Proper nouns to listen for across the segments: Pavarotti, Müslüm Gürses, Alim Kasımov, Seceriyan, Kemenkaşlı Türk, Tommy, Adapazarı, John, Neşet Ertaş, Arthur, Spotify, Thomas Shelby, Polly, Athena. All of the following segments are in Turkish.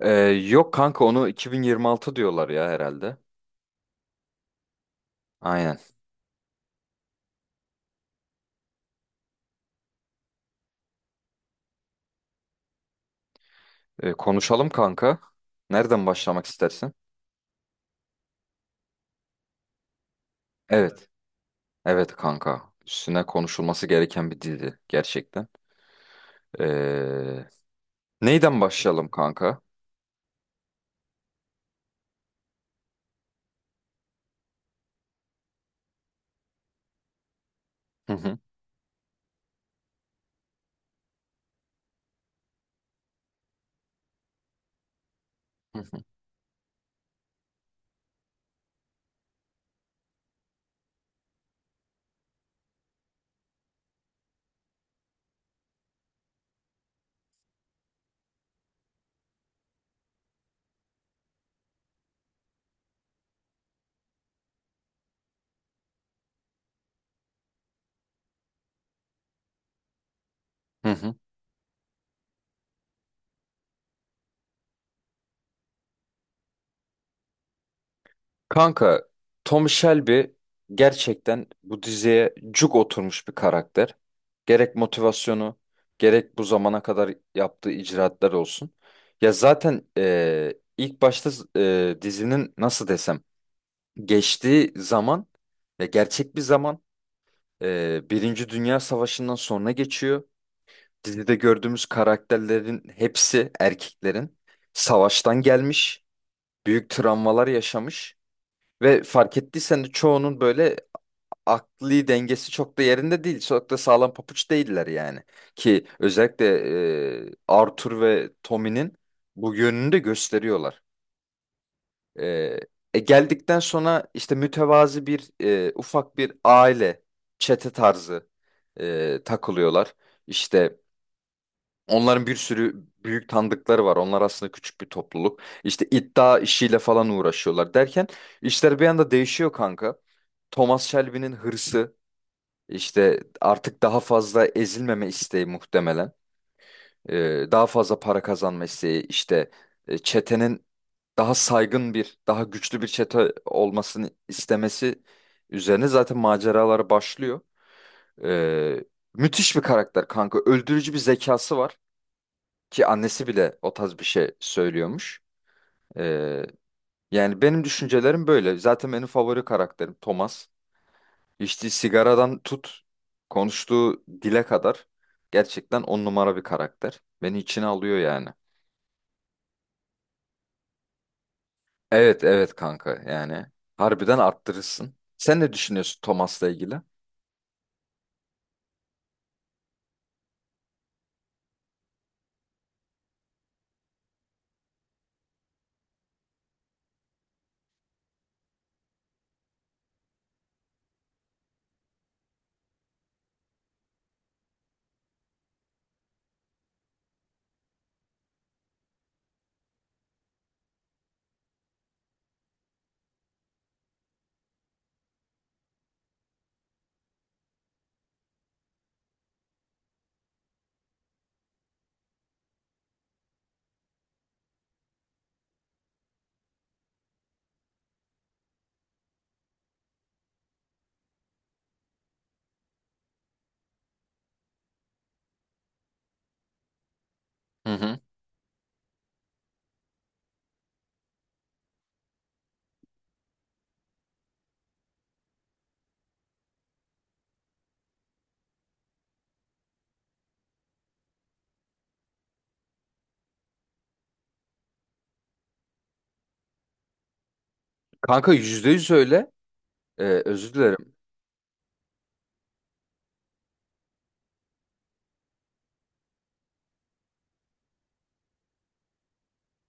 Yok kanka onu 2026 diyorlar ya herhalde. Aynen. Konuşalım kanka. Nereden başlamak istersin? Evet. Evet kanka. Üstüne konuşulması gereken bir dizi gerçekten. Ee, Neyden başlayalım kanka? Hı hı. Hı hı. Hı hı. Kanka Tom Shelby gerçekten bu diziye cuk oturmuş bir karakter. Gerek motivasyonu, gerek bu zamana kadar yaptığı icraatlar olsun. Ya zaten ilk başta dizinin nasıl desem geçtiği zaman, ya gerçek bir zaman, Birinci Dünya Savaşı'ndan sonra geçiyor. Dizide gördüğümüz karakterlerin hepsi, erkeklerin savaştan gelmiş, büyük travmalar yaşamış. Ve fark ettiysen de çoğunun böyle akli dengesi çok da yerinde değil. Çok da sağlam papuç değiller yani. Ki özellikle Arthur ve Tommy'nin bu yönünü de gösteriyorlar. E, Geldikten sonra işte mütevazi bir, ufak bir aile çete tarzı takılıyorlar. İşte onların bir sürü büyük tanıdıkları var. Onlar aslında küçük bir topluluk. İşte iddia işiyle falan uğraşıyorlar derken işler bir anda değişiyor kanka. Thomas Shelby'nin hırsı, işte artık daha fazla ezilmeme isteği muhtemelen. Daha fazla para kazanma isteği, işte çetenin daha saygın bir, daha güçlü bir çete olmasını istemesi üzerine zaten maceraları başlıyor. Ee, Müthiş bir karakter kanka. Öldürücü bir zekası var. Ki annesi bile o tarz bir şey söylüyormuş. Ee, Yani benim düşüncelerim böyle. Zaten benim favori karakterim Thomas. İçtiği sigaradan tut, konuştuğu dile kadar gerçekten on numara bir karakter. Beni içine alıyor yani. Evet, evet kanka yani. Harbiden arttırırsın. Sen ne düşünüyorsun Thomas'la ilgili? Hı hı. Kanka yüzde yüz öyle. Özür dilerim.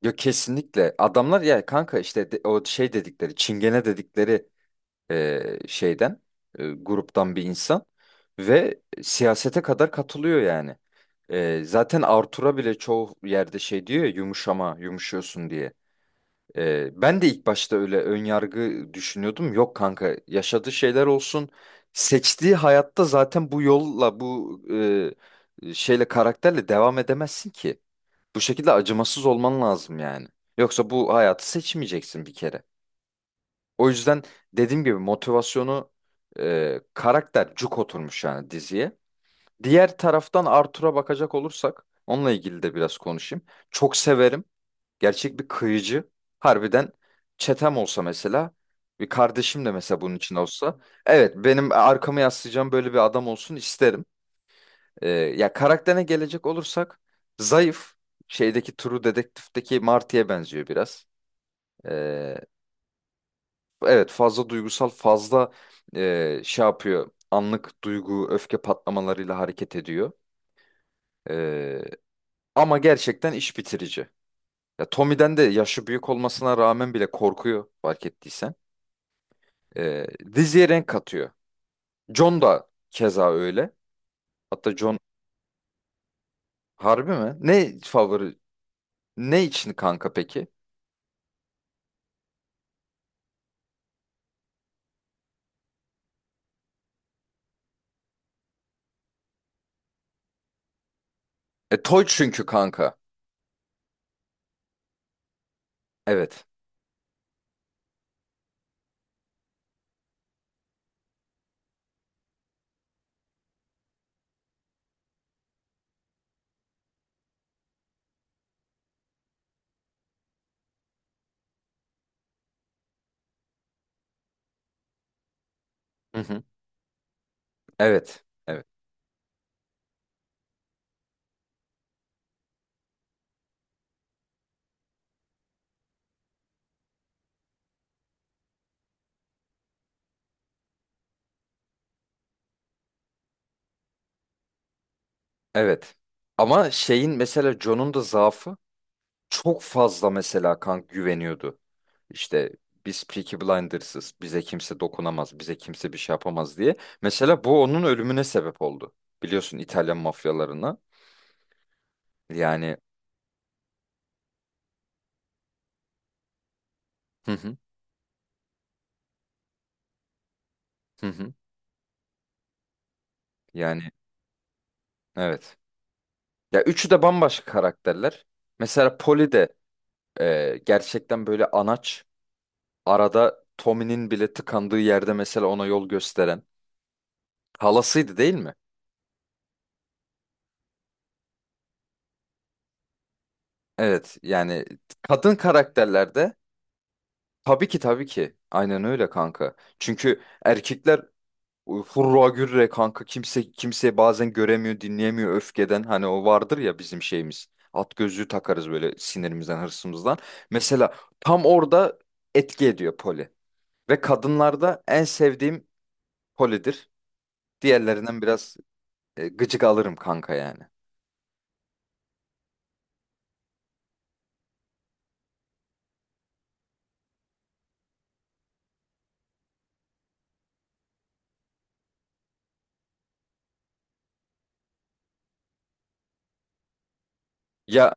Ya kesinlikle. Adamlar ya kanka, işte o şey dedikleri, çingene dedikleri şeyden, gruptan bir insan ve siyasete kadar katılıyor yani. Zaten Artur'a bile çoğu yerde şey diyor ya, yumuşama, yumuşuyorsun diye. Ben de ilk başta öyle ön yargı düşünüyordum. Yok kanka, yaşadığı şeyler olsun. Seçtiği hayatta zaten bu yolla, bu şeyle, karakterle devam edemezsin ki. Bu şekilde acımasız olman lazım yani. Yoksa bu hayatı seçmeyeceksin bir kere. O yüzden dediğim gibi motivasyonu, karakter cuk oturmuş yani diziye. Diğer taraftan Arthur'a bakacak olursak, onunla ilgili de biraz konuşayım. Çok severim. Gerçek bir kıyıcı. Harbiden çetem olsa mesela, bir kardeşim de mesela bunun için olsa. Evet, benim arkamı yaslayacağım böyle bir adam olsun isterim. Ya karakterine gelecek olursak, zayıf. Şeydeki, True Detective'deki Marty'ye benziyor biraz. E, Evet, fazla duygusal, fazla şey yapıyor, anlık duygu öfke patlamalarıyla hareket ediyor. E, Ama gerçekten iş bitirici. Ya Tommy'den de yaşı büyük olmasına rağmen bile korkuyor, fark ettiysen. E, Diziye renk katıyor. John da keza öyle. Hatta John, harbi mi? Ne için kanka peki? Toy çünkü kanka. Evet. Hı hı. Evet. Evet. Evet. Ama şeyin, mesela John'un da zaafı, çok fazla mesela güveniyordu. İşte biz Peaky Blinders'ız. Bize kimse dokunamaz. Bize kimse bir şey yapamaz diye. Mesela bu onun ölümüne sebep oldu. Biliyorsun, İtalyan mafyalarına. Yani hı hı, hı hı. Yani evet. Ya üçü de bambaşka karakterler. Mesela Polly de gerçekten böyle anaç. Arada Tommy'nin bile tıkandığı yerde mesela ona yol gösteren. Halasıydı değil mi? Evet yani kadın karakterlerde. Tabii ki, tabii ki. Aynen öyle kanka. Çünkü erkekler hurra gürre kanka, kimse bazen göremiyor, dinleyemiyor öfkeden. Hani o vardır ya bizim şeyimiz. At gözlüğü takarız böyle, sinirimizden, hırsımızdan. Mesela tam orada etki ediyor poli. Ve kadınlarda en sevdiğim polidir. Diğerlerinden biraz gıcık alırım kanka yani. Ya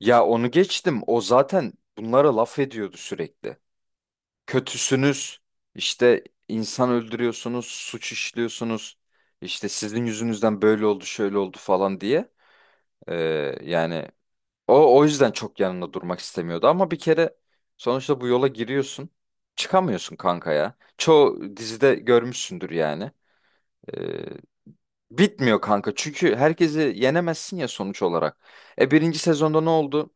ya onu geçtim. O zaten bunlara laf ediyordu sürekli. Kötüsünüz, işte insan öldürüyorsunuz, suç işliyorsunuz, işte sizin yüzünüzden böyle oldu, şöyle oldu falan diye. Ee, Yani o yüzden çok yanında durmak istemiyordu, ama bir kere sonuçta bu yola giriyorsun, çıkamıyorsun kanka ya. Çoğu dizide görmüşsündür yani. Ee, Bitmiyor kanka, çünkü herkesi yenemezsin ya sonuç olarak. Birinci sezonda ne oldu?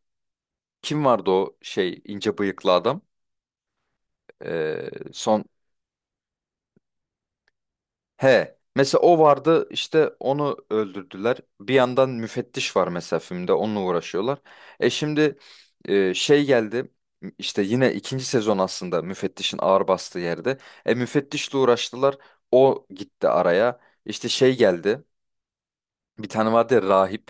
Kim vardı o şey, ince bıyıklı adam? Son He. Mesela o vardı, işte onu öldürdüler. Bir yandan müfettiş var mesela filmde, onunla uğraşıyorlar. Şimdi şey geldi, işte yine ikinci sezon aslında müfettişin ağır bastığı yerde. Müfettişle uğraştılar. O gitti araya. İşte şey geldi. Bir tane vardı ya, rahip.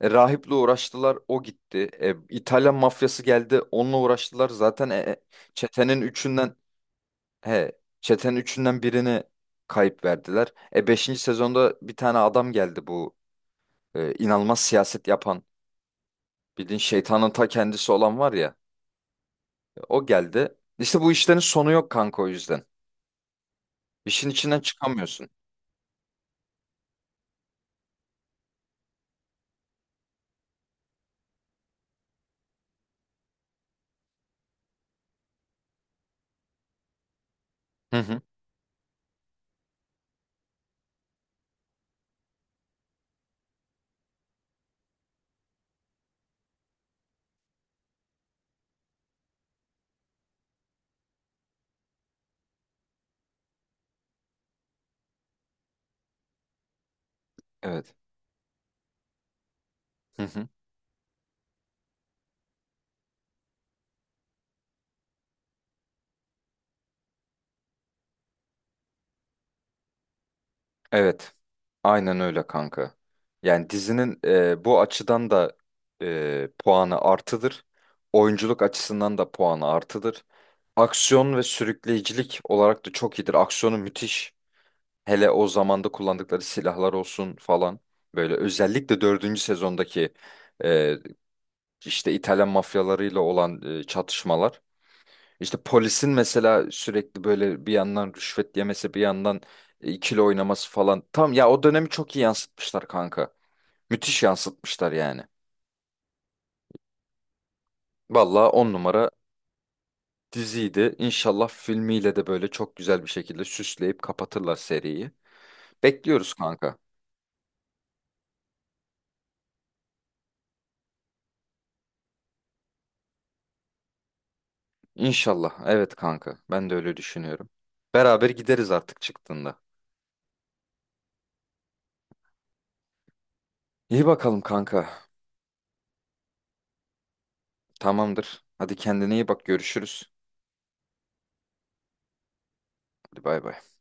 Rahiple uğraştılar, o gitti. İtalyan mafyası geldi, onunla uğraştılar. Zaten çetenin üçünden He, çetenin üçünden birini kayıp verdiler. Beşinci sezonda bir tane adam geldi, bu inanılmaz siyaset yapan, bildiğin şeytanın ta kendisi olan var ya, o geldi. İşte bu işlerin sonu yok kanka, o yüzden. İşin içinden çıkamıyorsun. Hı hı. Evet. Hı hı. Evet. Aynen öyle kanka. Yani dizinin bu açıdan da puanı artıdır. Oyunculuk açısından da puanı artıdır. Aksiyon ve sürükleyicilik olarak da çok iyidir. Aksiyonu müthiş. Hele o zamanda kullandıkları silahlar olsun falan. Böyle özellikle dördüncü sezondaki e, işte İtalyan mafyalarıyla olan çatışmalar. İşte polisin mesela sürekli böyle bir yandan rüşvet yemesi, bir yandan ikili oynaması falan. Tam ya, o dönemi çok iyi yansıtmışlar kanka. Müthiş yansıtmışlar yani. Vallahi on numara diziydi. İnşallah filmiyle de böyle çok güzel bir şekilde süsleyip kapatırlar seriyi. Bekliyoruz kanka. İnşallah. Evet kanka. Ben de öyle düşünüyorum. Beraber gideriz artık çıktığında. İyi bakalım kanka. Tamamdır. Hadi kendine iyi bak. Görüşürüz. Hadi bay bay.